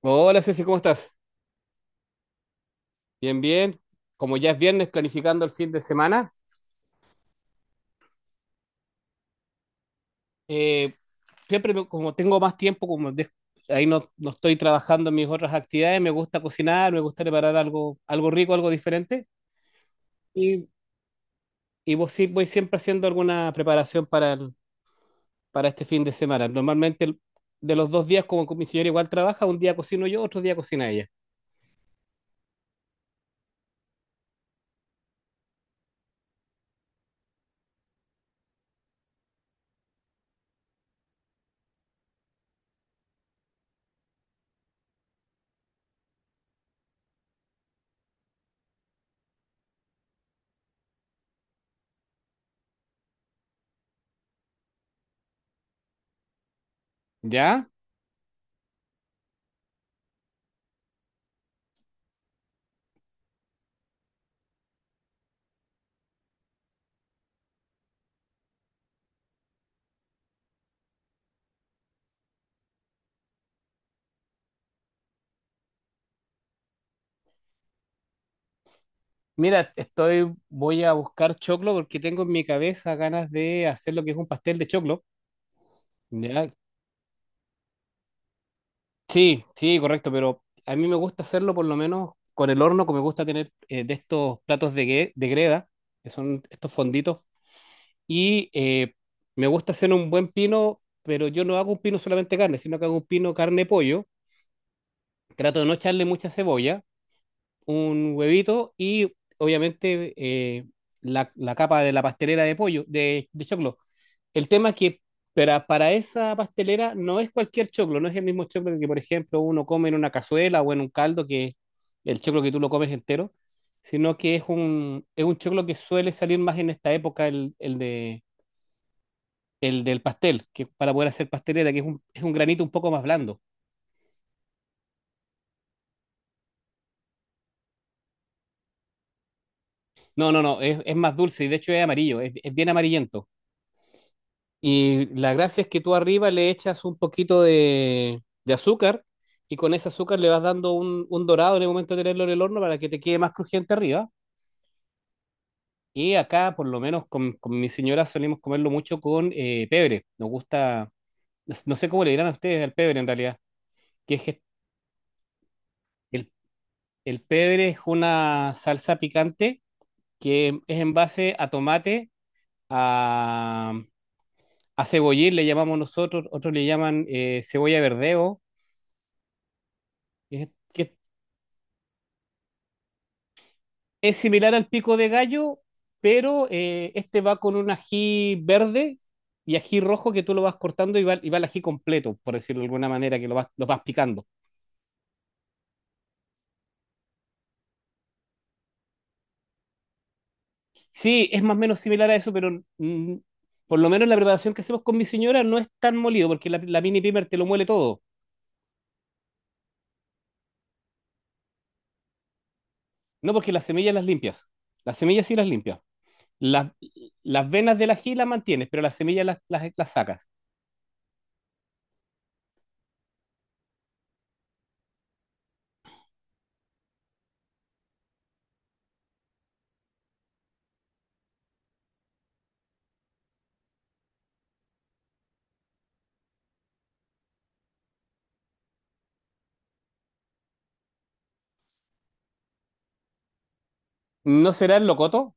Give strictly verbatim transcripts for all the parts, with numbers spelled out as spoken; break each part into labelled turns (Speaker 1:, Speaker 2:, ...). Speaker 1: Hola Ceci, ¿cómo estás? Bien, bien. Como ya es viernes, planificando el fin de semana, eh, siempre me- como tengo más tiempo, como de- ahí no, no estoy trabajando en mis otras actividades, me gusta cocinar, me gusta preparar algo, algo rico, algo diferente, y, y vos sí- voy siempre haciendo alguna preparación para, el- para este fin de semana. Normalmente el- de los dos días, como mi señora igual trabaja, un día cocino yo, otro día cocina ella. ¿Ya? Mira, estoy, voy a buscar choclo porque tengo en mi cabeza ganas de hacer lo que es un pastel de choclo. Ya, sí, sí, correcto, pero a mí me gusta hacerlo por lo menos con el horno, que me gusta tener eh, de estos platos de, gue- de greda, que son estos fonditos, y eh, me gusta hacer un buen pino, pero yo no hago un pino solamente carne, sino que hago un pino carne-pollo, trato de no echarle mucha cebolla, un huevito y obviamente eh, la, la capa de la pastelera de pollo, de, de choclo. El tema es que para, para esa pastelera no es cualquier choclo, no es el mismo choclo que, por ejemplo, uno come en una cazuela o en un caldo, que el choclo que tú lo comes entero, sino que es un, es un choclo que suele salir más en esta época, el, el de, el del pastel, que para poder hacer pastelera, que es un, es un granito un poco más blando. No, no, no, es, es más dulce y de hecho es amarillo, es, es bien amarillento. Y la gracia es que tú arriba le echas un poquito de, de azúcar y con ese azúcar le vas dando un, un dorado en el momento de tenerlo en el horno para que te quede más crujiente arriba. Y acá, por lo menos con, con mi señora, solemos comerlo mucho con eh, pebre. Nos gusta, no no sé cómo le dirán a ustedes al pebre en realidad, que es el, el pebre es una salsa picante que es en base a tomate, a, a cebollín le llamamos nosotros, otros le llaman eh, cebolla verdeo. Que es, que es Es similar al pico de gallo, pero eh, este va con un ají verde y ají rojo que tú lo vas cortando y va, y va el ají completo, por decirlo de alguna manera, que lo vas, lo vas picando. Sí, es más o menos similar a eso, pero mm, por lo menos la preparación que hacemos con mi señora no es tan molido, porque la, la mini pimer te lo muele todo. No, porque las semillas las limpias. Las semillas sí las limpias. Las, las venas del ají las mantienes, pero las semillas las, las, las sacas. ¿No será el locoto?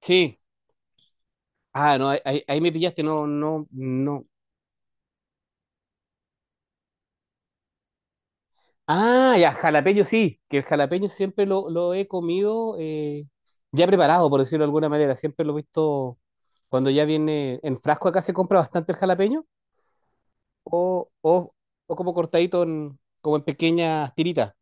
Speaker 1: Sí. Ah, no, ahí, ahí- ahí me pillaste, no, no, no. Ah, ya, jalapeño sí, que el jalapeño siempre lo, lo he comido eh, ya preparado, por decirlo de alguna manera. Siempre lo he visto cuando ya viene en frasco acá se compra bastante el jalapeño o, o, o como cortadito en- como en pequeñas tiritas.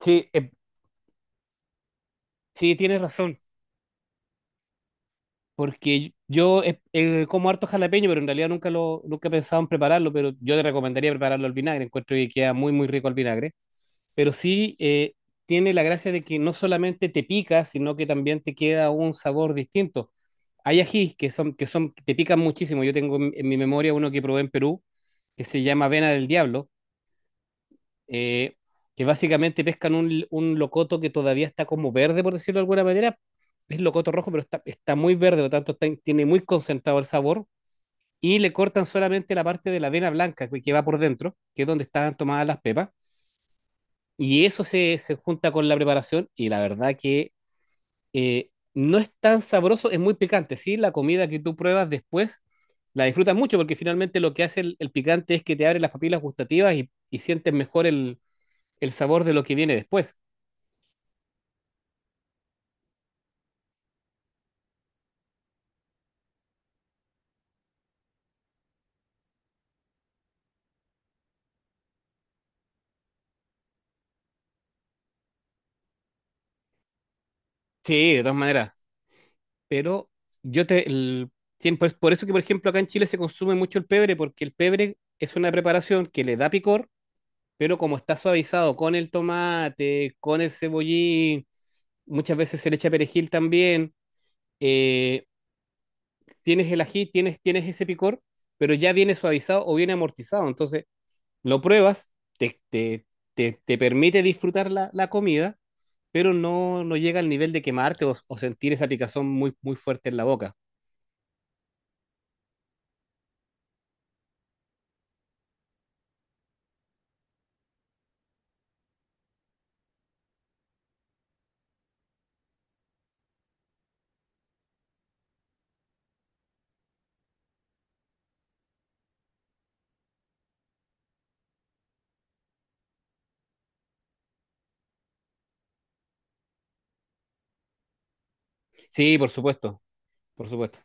Speaker 1: Sí, eh, sí, tienes razón, porque yo eh, eh, como harto jalapeño, pero en realidad nunca lo, nunca he pensado en prepararlo, pero yo te recomendaría prepararlo al vinagre. Encuentro que queda muy, muy rico al vinagre. Pero sí eh, tiene la gracia de que no solamente te pica, sino que también te queda un sabor distinto. Hay ajís que son, que son, que te pican muchísimo. Yo tengo en, en mi memoria uno que probé en Perú, que se llama avena del diablo, eh, que básicamente pescan un, un locoto que todavía está como verde, por decirlo de alguna manera. Es locoto rojo, pero está, está muy verde, por lo tanto está- tiene muy concentrado el sabor. Y le cortan solamente la parte de la avena blanca que que va por dentro, que es donde están tomadas las pepas y eso se, se junta con la preparación y la verdad que eh, no es tan sabroso, es muy picante, ¿sí? La comida que tú pruebas después la disfrutas mucho porque finalmente lo que hace el, el picante es que te abre las papilas gustativas y, y sientes mejor el, el sabor de lo que viene después. Sí, de todas maneras, pero yo te... el- tien- por, por eso que, por ejemplo, acá en Chile se consume mucho el pebre porque el pebre es una preparación que le da picor, pero como está suavizado con el tomate, con el cebollín, muchas veces se le echa perejil también, eh, tienes el ají, tienes, tienes ese picor, pero ya viene suavizado o viene amortizado. Entonces, lo pruebas, te, te, te, te permite disfrutar la, la comida, pero no, no llega al nivel de quemarte o, o sentir esa picazón muy, muy fuerte en la boca. Sí, por supuesto, por supuesto.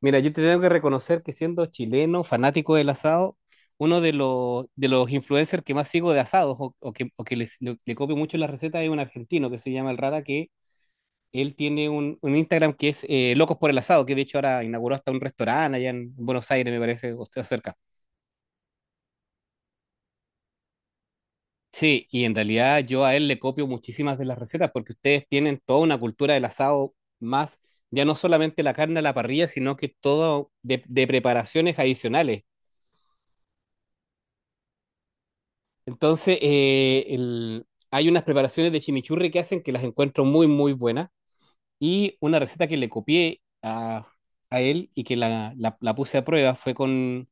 Speaker 1: Mira, yo te tengo que reconocer que siendo chileno, fanático del asado, uno de los, de los influencers que más sigo de asados o, o que, o que les- le, le copio mucho las recetas es un argentino que se llama El Rata, que él tiene un, un Instagram que es eh, Locos por el Asado, que de hecho ahora inauguró hasta un restaurante allá en Buenos Aires, me parece, o sea, cerca. Sí, y en realidad yo a él le copio muchísimas de las recetas porque ustedes tienen toda una cultura del asado más, ya no solamente la carne a la parrilla, sino que todo de de preparaciones adicionales. Entonces, eh, el- hay unas preparaciones de chimichurri que hacen que las encuentro muy, muy buenas. Y una receta que le copié a, a él y que la, la- la puse a prueba fue con,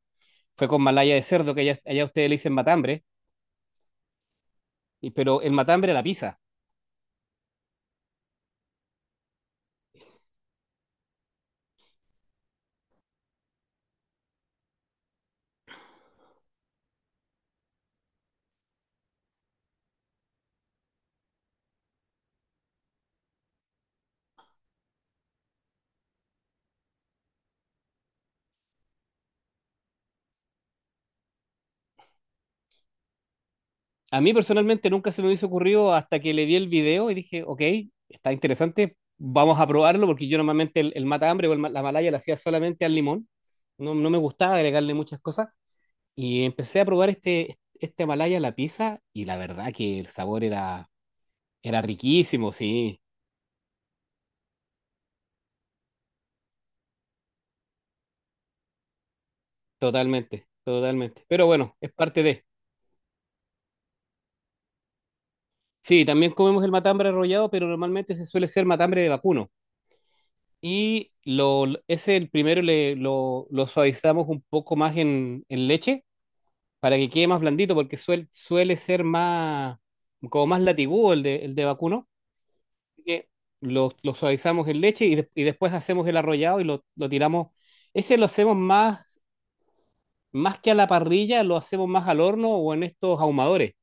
Speaker 1: fue con malaya de cerdo, que allá, allá ustedes le dicen matambre, y- pero el matambre a la pizza. A mí personalmente nunca se me hubiese ocurrido hasta que le vi el video y dije, ok, está interesante, vamos a probarlo, porque yo normalmente el, el matambre o el ma- la malaya la hacía solamente al limón. No, no me gustaba agregarle muchas cosas. Y empecé a probar este, este Himalaya, la pizza, y la verdad que el sabor era, era riquísimo, sí, totalmente, totalmente. Pero bueno, es parte de. Sí, también comemos el matambre arrollado, pero normalmente se suele ser matambre de vacuno. Y lo, lo- ese, el primero, le, lo, lo suavizamos un poco más en, en leche para que quede más blandito, porque suel- suele ser más, como más latigudo el de, el de vacuno. Que lo, lo suavizamos en leche y, de- y después hacemos el arrollado y lo, lo tiramos. Ese lo hacemos más, más que a la parrilla, lo hacemos más al horno o en estos ahumadores.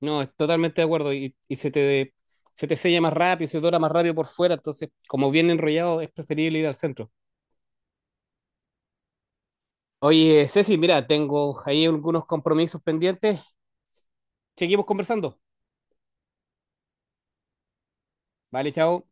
Speaker 1: No, es totalmente de acuerdo. Y, y se te, se te sella más rápido, se dora más rápido por fuera. Entonces, como viene enrollado, es preferible ir al centro. Oye, Ceci, mira, tengo ahí algunos compromisos pendientes. Seguimos conversando. Vale, chao.